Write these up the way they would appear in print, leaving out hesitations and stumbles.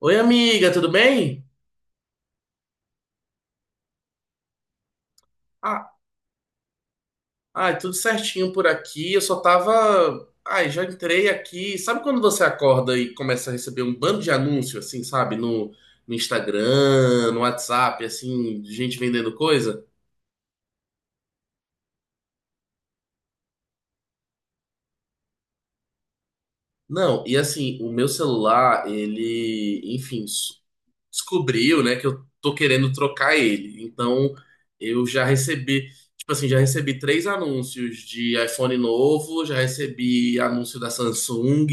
Oi, amiga, tudo bem? Ah, ai, tudo certinho por aqui. Eu só tava. Ai, já entrei aqui. Sabe quando você acorda e começa a receber um bando de anúncio, assim, sabe? No, no Instagram, no WhatsApp, assim, de gente vendendo coisa? Não, e assim, o meu celular, ele. Enfim, descobriu, né, que eu tô querendo trocar ele. Então, eu já recebi, tipo assim, já recebi três anúncios de iPhone novo, já recebi anúncio da Samsung,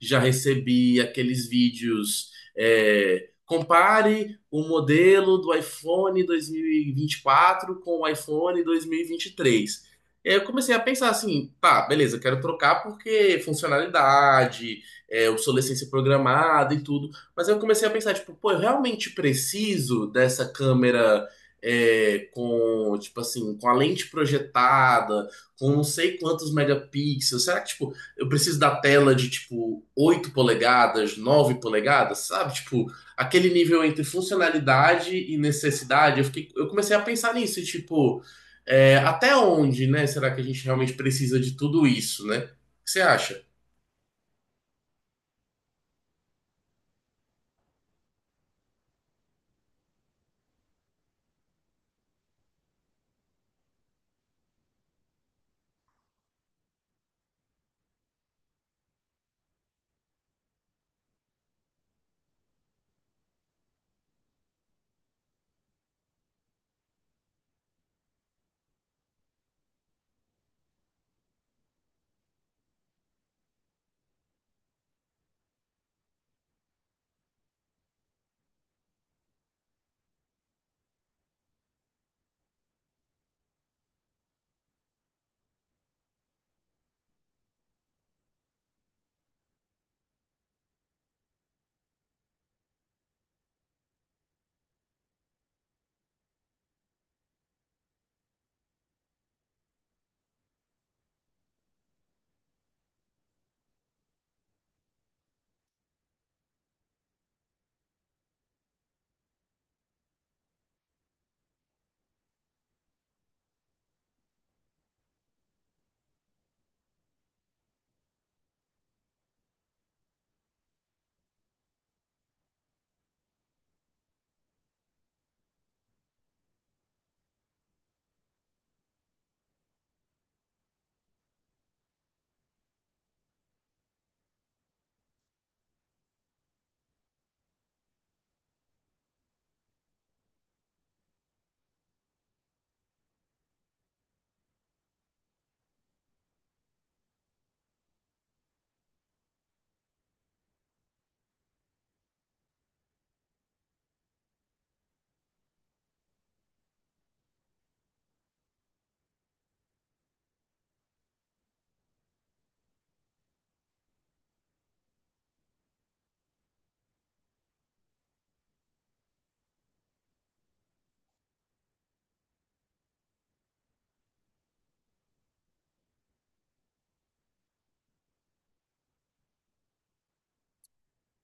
já recebi aqueles vídeos, compare o modelo do iPhone 2024 com o iPhone 2023. E vinte e três. E aí eu comecei a pensar assim, tá, beleza, eu quero trocar porque funcionalidade, obsolescência programada e tudo. Mas eu comecei a pensar, tipo, pô, eu realmente preciso dessa câmera com, tipo assim, com a lente projetada, com não sei quantos megapixels. Será que, tipo, eu preciso da tela de, tipo, 8 polegadas, 9 polegadas, sabe? Tipo, aquele nível entre funcionalidade e necessidade. Eu fiquei, eu comecei a pensar nisso, e, tipo, até onde, né? Será que a gente realmente precisa de tudo isso, né? O que você acha?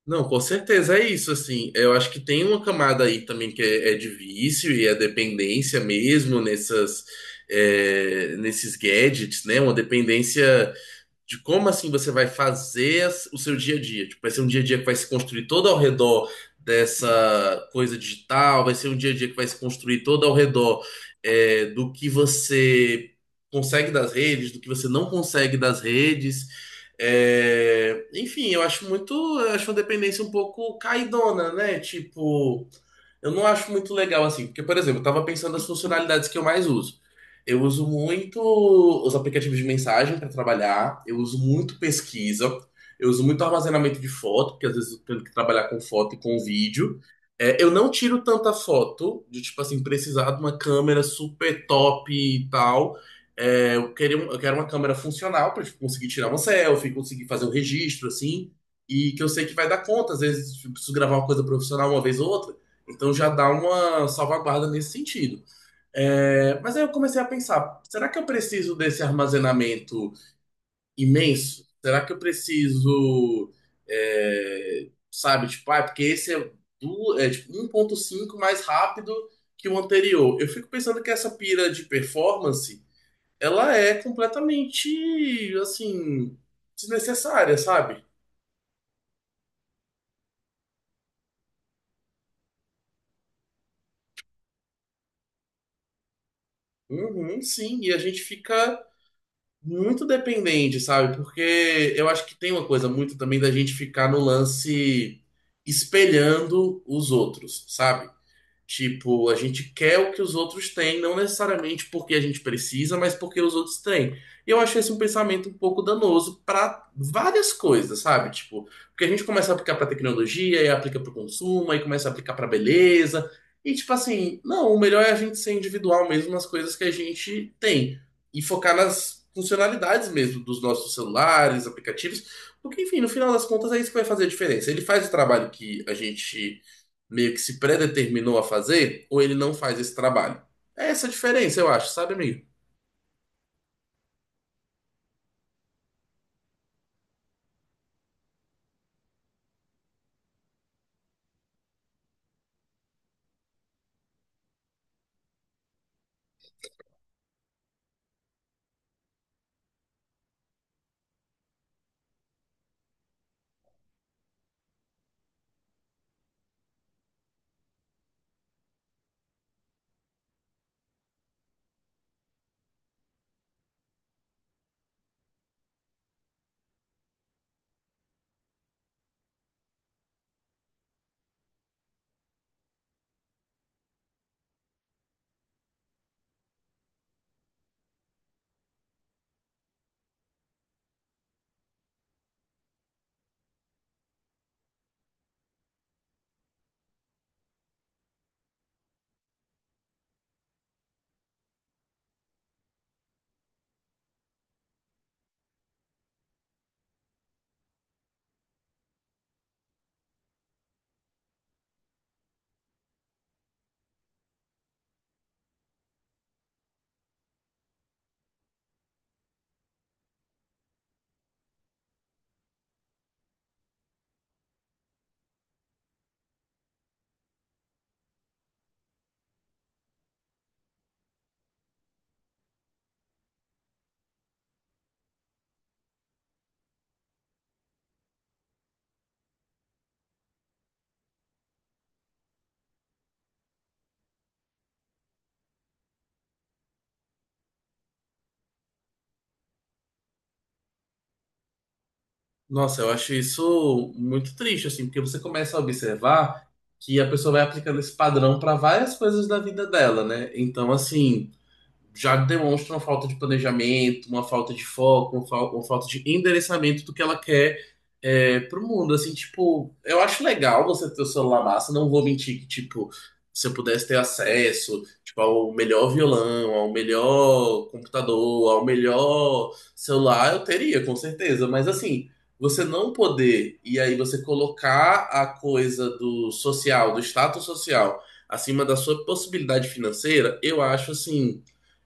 Não, com certeza é isso, assim. Eu acho que tem uma camada aí também que é de vício e é dependência mesmo nessas, nesses gadgets, né? Uma dependência de como assim você vai fazer o seu dia a dia. Tipo, vai ser um dia a dia que vai se construir todo ao redor dessa coisa digital, vai ser um dia a dia que vai se construir todo ao redor do que você consegue das redes, do que você não consegue das redes. É, enfim, eu acho uma dependência um pouco caidona, né? Tipo, eu não acho muito legal assim, porque, por exemplo, eu tava pensando nas funcionalidades que eu mais uso. Eu uso muito os aplicativos de mensagem para trabalhar, eu uso muito pesquisa, eu uso muito armazenamento de foto, porque às vezes eu tenho que trabalhar com foto e com vídeo. É, eu não tiro tanta foto, de tipo assim, precisar de uma câmera super top e tal. Eu queria, eu quero uma câmera funcional para conseguir tirar uma selfie, conseguir fazer um registro, assim, e que eu sei que vai dar conta. Às vezes eu preciso gravar uma coisa profissional uma vez ou outra, então já dá uma salvaguarda nesse sentido. É, mas aí eu comecei a pensar, será que eu preciso desse armazenamento imenso? Será que eu preciso, sabe, tipo, ah, é porque esse é tipo, 1,5 mais rápido que o anterior. Eu fico pensando que essa pira de performance, ela é completamente, assim, desnecessária, sabe? Uhum, sim, e a gente fica muito dependente, sabe? Porque eu acho que tem uma coisa muito também da gente ficar no lance espelhando os outros, sabe? Tipo, a gente quer o que os outros têm, não necessariamente porque a gente precisa, mas porque os outros têm. E eu acho esse um pensamento um pouco danoso para várias coisas, sabe? Tipo, porque a gente começa a aplicar para tecnologia, e aplica para o consumo, aí começa a aplicar para beleza. E tipo assim, não, o melhor é a gente ser individual mesmo nas coisas que a gente tem e focar nas funcionalidades mesmo dos nossos celulares, aplicativos, porque enfim, no final das contas é isso que vai fazer a diferença. Ele faz o trabalho que a gente meio que se predeterminou a fazer, ou ele não faz esse trabalho. É essa a diferença, eu acho, sabe, amigo? Nossa, eu acho isso muito triste, assim, porque você começa a observar que a pessoa vai aplicando esse padrão para várias coisas da vida dela, né? Então, assim. Já demonstra uma falta de planejamento, uma falta de foco, uma, uma falta de endereçamento do que ela quer pro mundo. Assim, tipo, eu acho legal você ter o celular massa, não vou mentir que, tipo, se eu pudesse ter acesso, tipo, ao melhor violão, ao melhor computador, ao melhor celular, eu teria, com certeza. Mas, assim, você não poder, e aí você colocar a coisa do social, do status social, acima da sua possibilidade financeira, eu acho, assim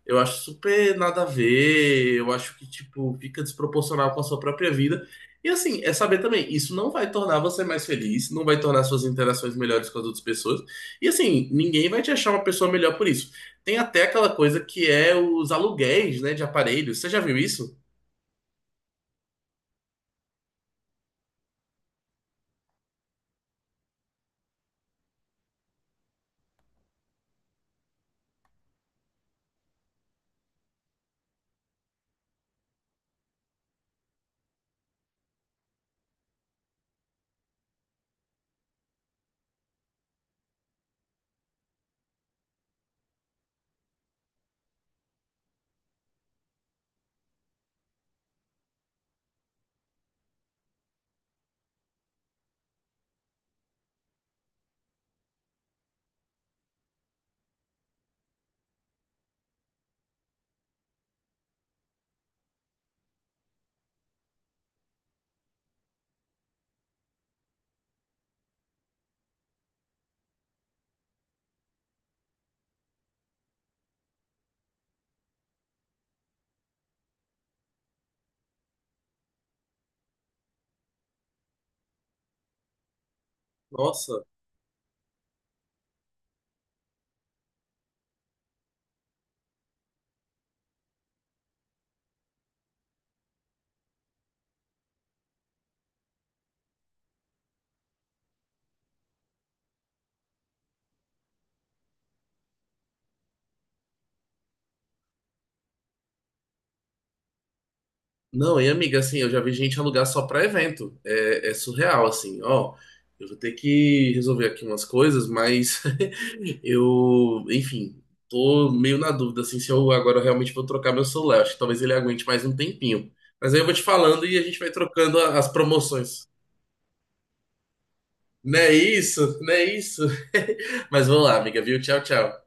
eu acho super nada a ver, eu acho que, tipo, fica desproporcional com a sua própria vida. E assim, é saber também, isso não vai tornar você mais feliz, não vai tornar suas interações melhores com as outras pessoas. E assim, ninguém vai te achar uma pessoa melhor por isso. Tem até aquela coisa que é os aluguéis, né, de aparelhos. Você já viu isso? Nossa. Não, e amiga, assim, eu já vi gente alugar só pra evento. É, é surreal, assim, ó. Eu vou ter que resolver aqui umas coisas, mas eu, enfim, tô meio na dúvida, assim, se eu agora realmente vou trocar meu celular. Acho que talvez ele aguente mais um tempinho. Mas aí eu vou te falando e a gente vai trocando as promoções. Não é isso? Não é isso? Mas vamos lá, amiga, viu? Tchau, tchau.